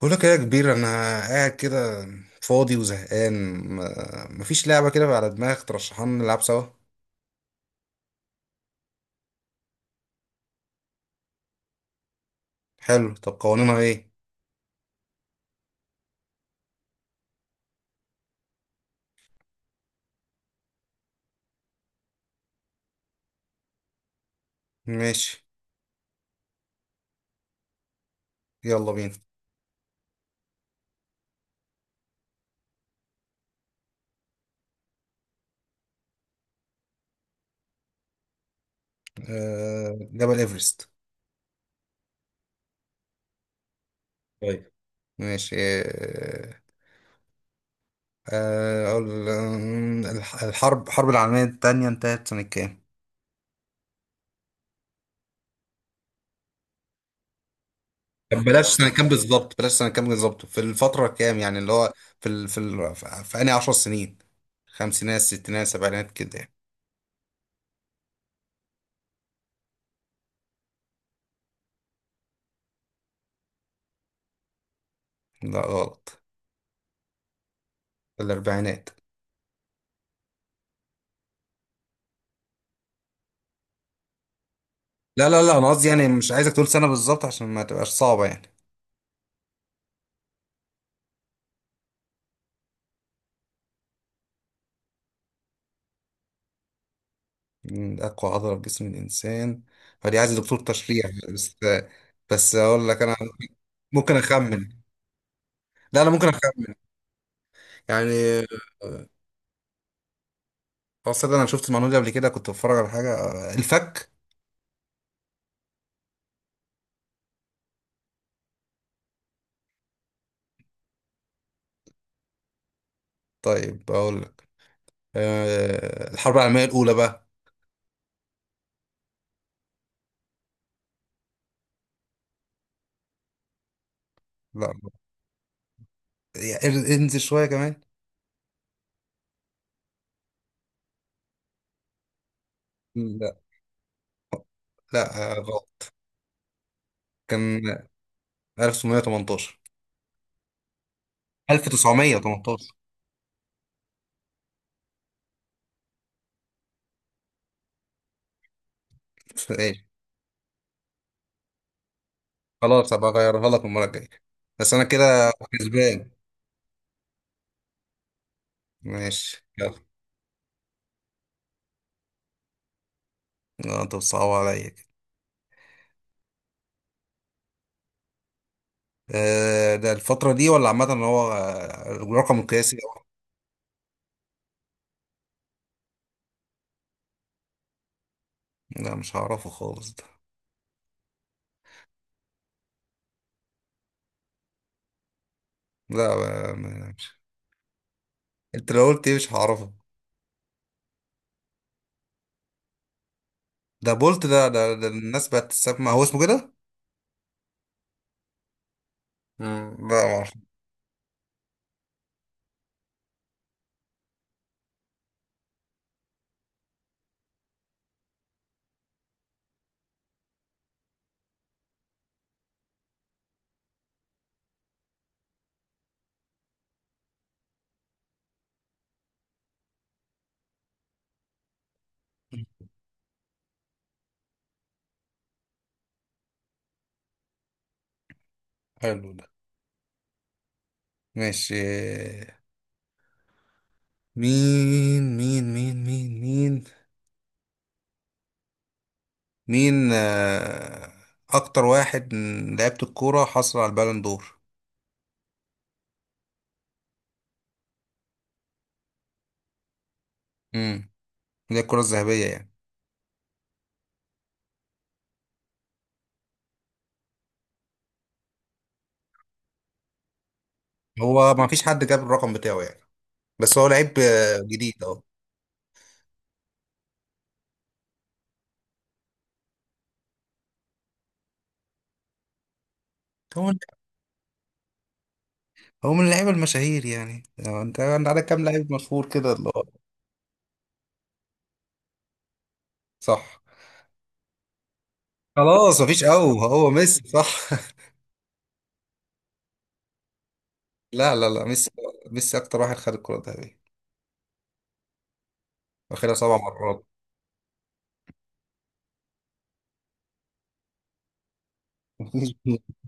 بقول لك إيه يا كبير؟ انا قاعد كده فاضي وزهقان. مفيش لعبه كده على دماغك ترشحها لنا نلعب سوا؟ حلو، طب قوانينها ايه؟ ماشي، يلا بينا. آه، جبل ايفرست. طيب، ماشي. الحرب العالميه الثانيه انتهت سنه كام؟ طب بلاش بلاش سنه كام، سنة بالظبط، بلاش سنه كام بالظبط، في الفتره كام يعني، اللي هو في ال... في ال... في في انهي 10 سنين؟ خمسينات ستينات سبعينات كده يعني. لا، غلط. في الاربعينات. لا لا لا، انا قصدي يعني مش عايزك تقول سنة بالظبط عشان ما تبقاش صعبة يعني. من اقوى عضلة في جسم الانسان؟ فدي عايز دكتور تشريح. بس بس اقول لك انا ممكن اخمن. لا، انا ممكن اخمن يعني. اصلا انا شفت المعلومة دي قبل كده، كنت بتفرج على حاجة، الفك. طيب، اقول لك. الحرب العالمية الاولى بقى. لا يعني انزل شوية كمان. لا لا، غلط. كان 1918. 1918. خلاص، هبقى اغيرها لك المرة الجاية، بس انا كده كسبان. ماشي، يلا. لا، انت بتصعب عليا كده. ده الفترة دي ولا عامة، ان هو رقم قياسي؟ لا، مش هعرفه خالص ده. لا، مش، انت لو قلت ايه مش هعرفه. ده بولت، ده الناس بقت تسمع، هو اسمه كده؟ مم، لا ما اعرف. حلو ده. ماشي، مين مين مين مين مين مين اكتر واحد من لعيبة الكورة حصل على البالون دور؟ مم. زي الكرة الذهبية يعني. هو ما فيش حد جاب الرقم بتاعه يعني، بس هو لعيب جديد اهو. هو من هو من اللعيبة المشاهير يعني. انت عندك كام لعيب مشهور كده اللي هو. صح. خلاص، ما فيش، او هو ميسي؟ صح. لا لا لا، ميسي. ميسي اكتر واحد خد الكرة الذهبية، واخدها 7 مرات.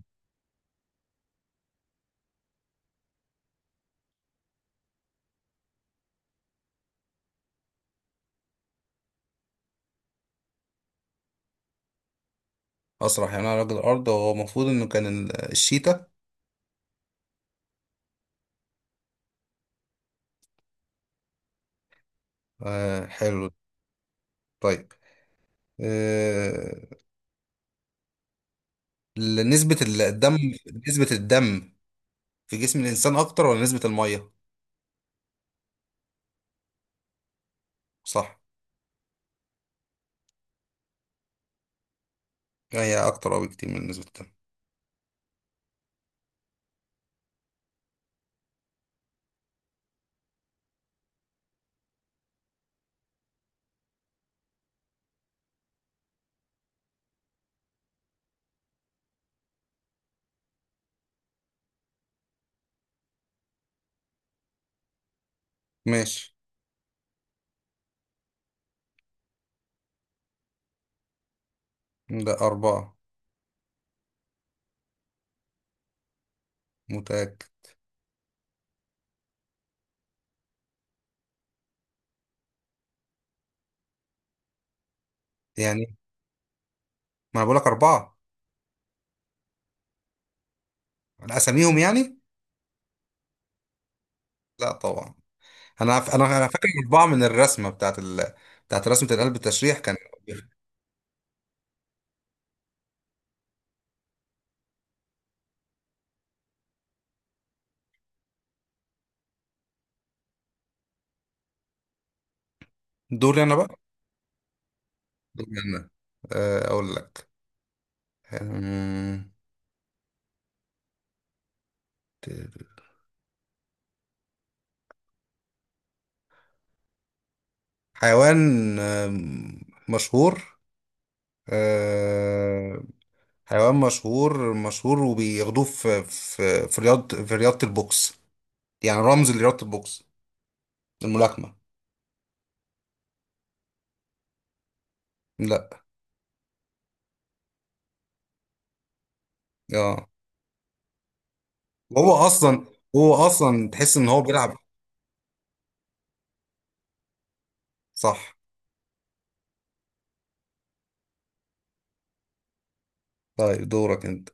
اسرح، يعني انا راجل ارض، هو المفروض انه كان الشيتا. آه، حلو. طيب، آه نسبة الدم، نسبة الدم في جسم الانسان اكتر ولا نسبة المية؟ صح. هي أكتر أوي كتير من النسبة التانية. ماشي. ده أربعة. متأكد. يعني، ما أنا بقولك أربعة، على أساميهم يعني لا طبعا. أنا ف... أنا أنا فاكر أربعة من الرسمة بتاعت رسمة القلب، التشريح كان. دوري أنا بقى. دوري أنا، أقول لك. أمم، حيوان، مشهور. آه، حيوان مشهور مشهور، وبياخدوه في رياضة البوكس يعني، رمز لرياضة البوكس، الملاكمة. لا، اه. هو اصلا هو اصلا تحس ان هو بيلعب. صح. طيب، دورك انت.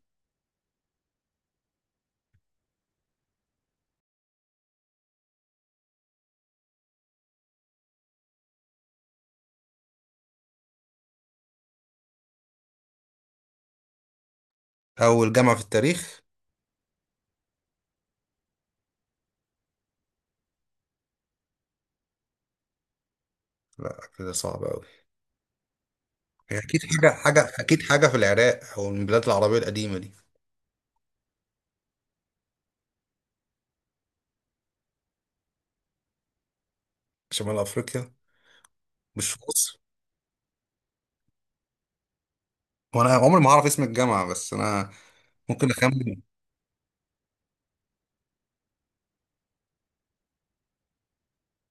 اول جامعة في التاريخ. لا، كده صعب قوي. هي اكيد حاجة في العراق او من البلاد العربية القديمة دي. شمال افريقيا. مش في مصر. وانا عمري ما هعرف اسم الجامعة، بس انا ممكن اخمن.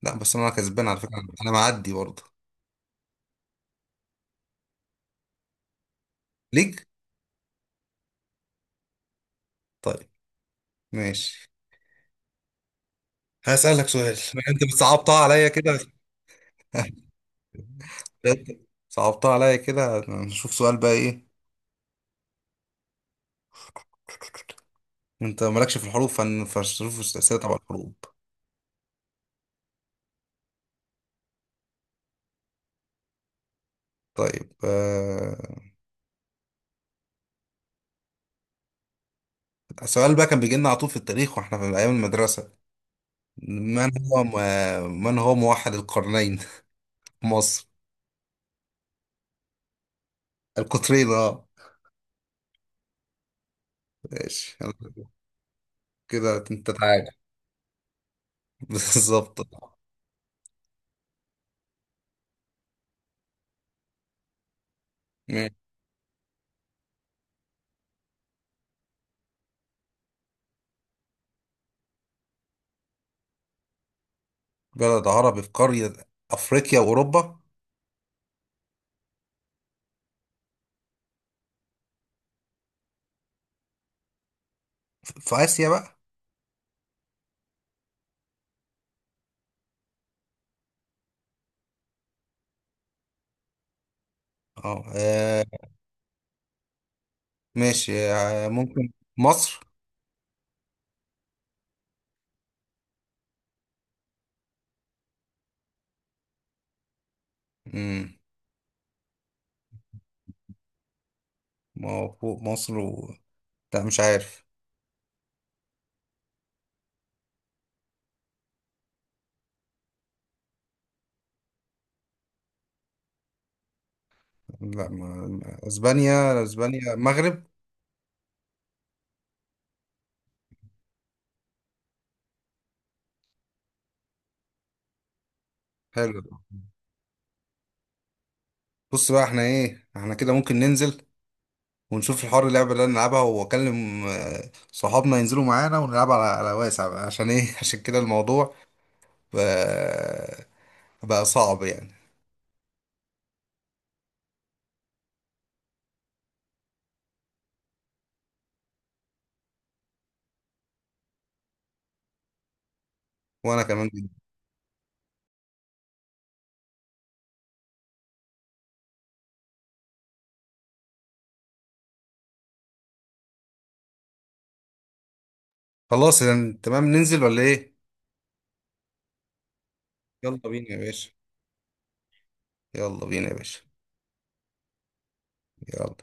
لا، بس انا كسبان على فكرة. انا معدي برضه. ليك. طيب، ماشي. هسألك سؤال. ما انت بتصعبتها عليا كده، صعبتها عليا كده، نشوف سؤال بقى ايه. انت مالكش في الحروب، فالظروف والسياسة تبع الحروب. طيب، السؤال بقى كان بيجي لنا على طول في التاريخ واحنا في ايام المدرسة. من هو موحد القرنين؟ في مصر. القطرين، اه. ماشي، كده انت تعالى. بالظبط. ماشي. بلد عربي في قارة افريقيا واوروبا؟ في اسيا بقى. اه، ماشي، ممكن مصر. امم ما هو فوق مصر و... لا، مش عارف. لا، اسبانيا. اسبانيا، مغرب. حلو. بص بقى، احنا ايه، احنا كده ممكن ننزل ونشوف الحوار، اللعبة اللي أنا نلعبها، واكلم صحابنا ينزلوا معانا، ونلعب على واسع بقى، عشان ايه. عشان كده الموضوع بقى, بقى صعب يعني. وانا كمان جدا. خلاص يعني، تمام، ننزل ولا ايه؟ يلا بينا يا باشا. يلا بينا يا باشا. يلا.